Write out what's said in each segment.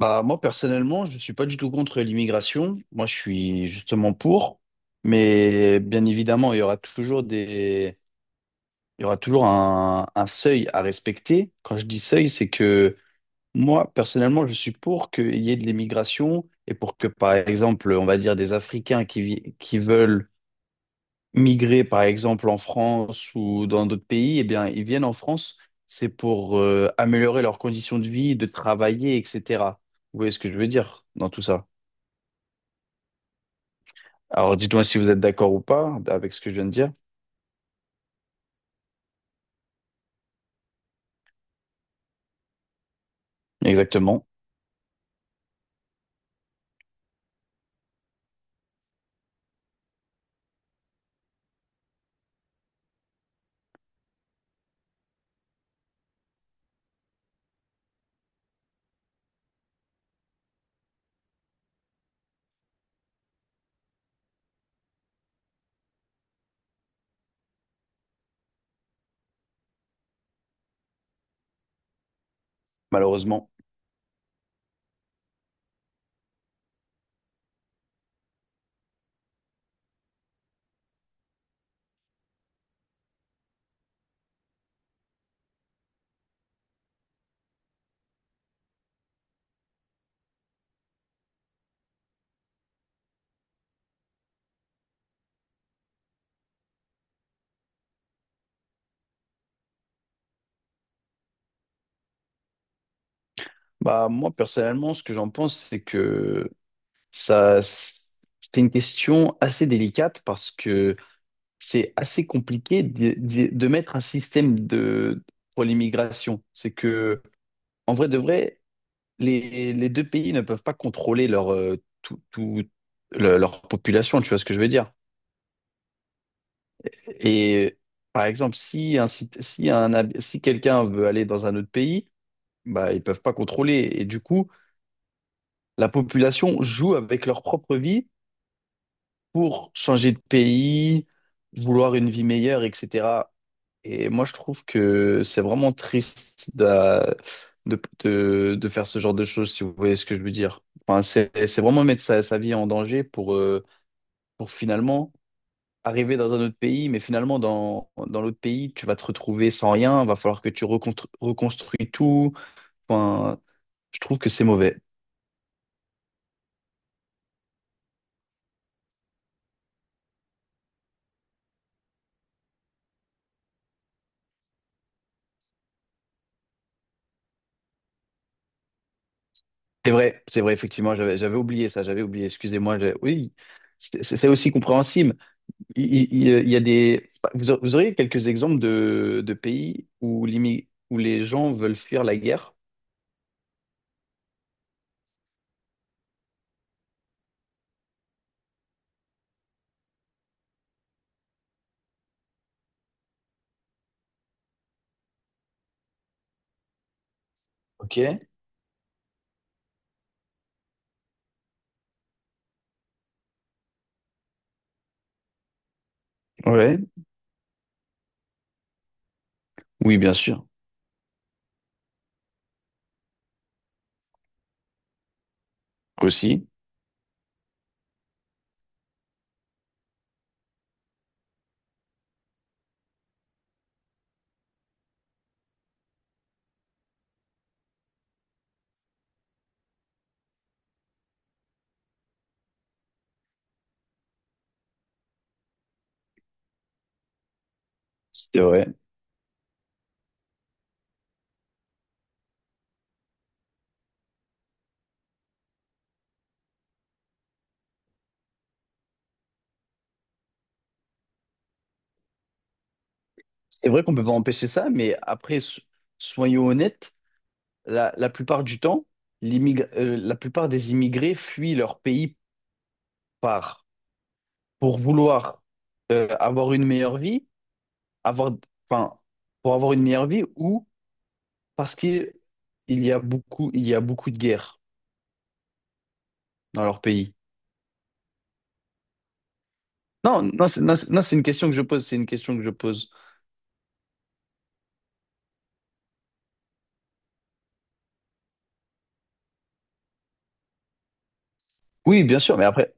Bah, moi, personnellement, je ne suis pas du tout contre l'immigration. Moi, je suis justement pour. Mais bien évidemment, il y aura toujours il y aura toujours un seuil à respecter. Quand je dis seuil, c'est que moi, personnellement, je suis pour qu'il y ait de l'immigration et pour que, par exemple, on va dire des Africains qui, qui veulent migrer, par exemple, en France ou dans d'autres pays, eh bien, ils viennent en France. C'est pour améliorer leurs conditions de vie, de travailler, etc. Vous voyez ce que je veux dire dans tout ça? Alors dites-moi si vous êtes d'accord ou pas avec ce que je viens de dire. Exactement, malheureusement. Bah, moi, personnellement, ce que j'en pense, c'est que ça, c'est une question assez délicate parce que c'est assez compliqué de mettre un système de pour l'immigration. C'est que en vrai de vrai, les deux pays ne peuvent pas contrôler leur leur population, tu vois ce que je veux dire. Et par exemple, si un, sit- si un hab- si quelqu'un veut aller dans un autre pays, bah, ils peuvent pas contrôler. Et du coup, la population joue avec leur propre vie pour changer de pays, vouloir une vie meilleure, etc. Et moi, je trouve que c'est vraiment triste de faire ce genre de choses, si vous voyez ce que je veux dire. Enfin, c'est vraiment mettre sa vie en danger pour finalement arriver dans un autre pays, mais finalement, dans l'autre pays, tu vas te retrouver sans rien, va falloir que tu reconstruis tout. Enfin, je trouve que c'est mauvais. C'est vrai, effectivement, j'avais oublié ça, j'avais oublié, excusez-moi. Oui, c'est aussi compréhensible. Il y a des... vous auriez quelques exemples de pays où, où les gens veulent fuir la guerre? Ok. Ouais. Oui, bien sûr. Aussi, c'est vrai. C'est vrai qu'on peut pas empêcher ça, mais après, soyons honnêtes, la plupart du temps, la plupart des immigrés fuient leur pays par, pour vouloir avoir une meilleure vie avoir, enfin, pour avoir une meilleure vie ou parce qu'il y a beaucoup, il y a beaucoup de guerres dans leur pays? Non, non, c'est, non, c'est non, c'est une question que je pose, c'est une question que je pose. Oui, bien sûr, mais après,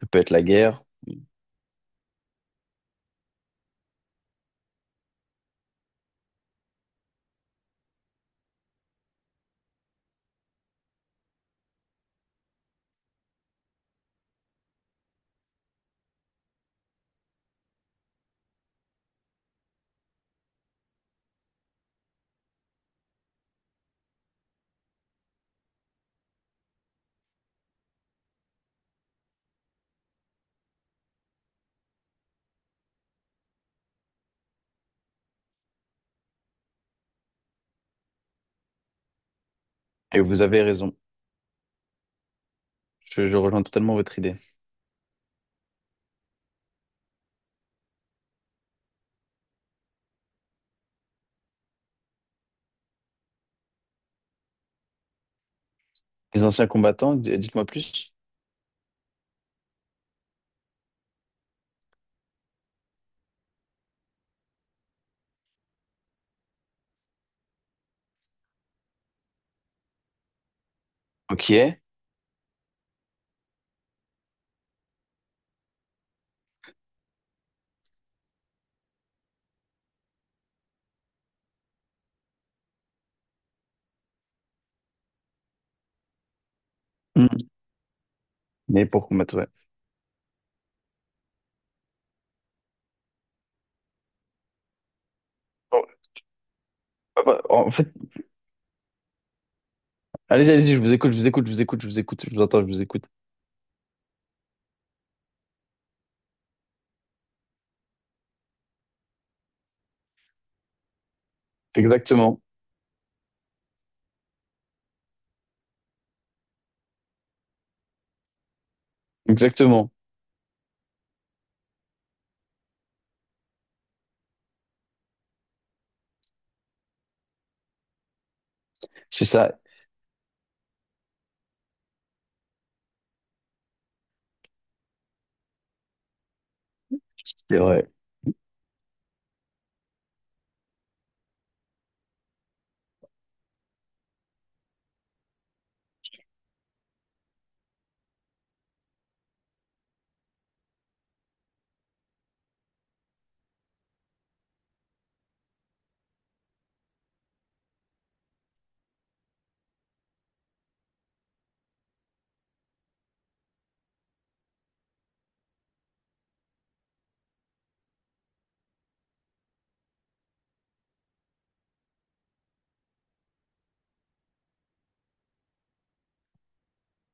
ça peut être la guerre. Et vous avez raison. Je rejoins totalement votre idée. Les anciens combattants, dites-moi plus. Ok. Hmm. Mais pour combattre, ouais. Bon, en fait, allez, allez-y, je vous écoute, je vous écoute, je vous écoute, je vous écoute, je vous entends, je vous écoute. Exactement, exactement. C'est ça, c'est vrai.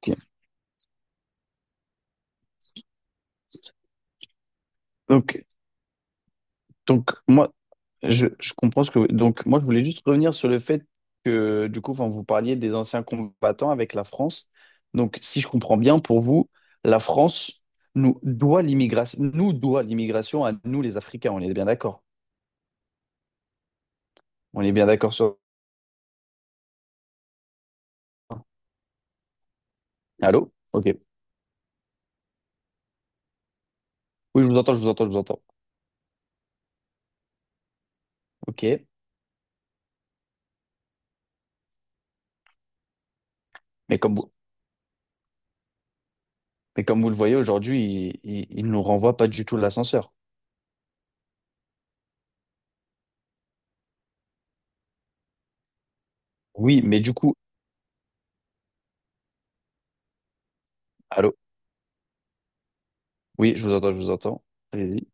Ok. Donc, Donc, moi, je comprends ce que... Donc, moi, je voulais juste revenir sur le fait que, du coup, enfin, vous parliez des anciens combattants avec la France. Donc, si je comprends bien, pour vous, la France nous doit l'immigration à nous, les Africains. On est bien d'accord. On est bien d'accord sur... Allô? Ok. Oui, je vous entends, je vous entends, je vous entends. Ok. Mais comme vous, mais comme vous le voyez aujourd'hui, il nous renvoie pas du tout l'ascenseur. Oui, mais du coup... Allô? Oui, je vous entends, je vous entends. Allez-y.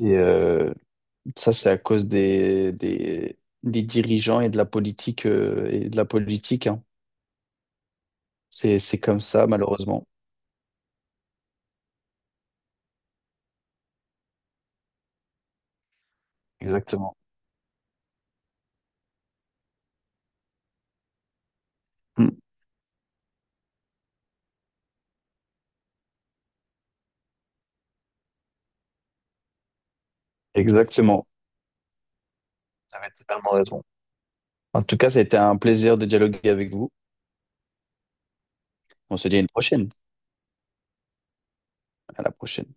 Et, ça, c'est à cause des, des dirigeants et de la politique, et de la politique, hein. C'est comme ça, malheureusement. Exactement. Mm. Exactement. Vous avez totalement raison. En tout cas, ça a été un plaisir de dialoguer avec vous. On se dit à une prochaine. À la prochaine.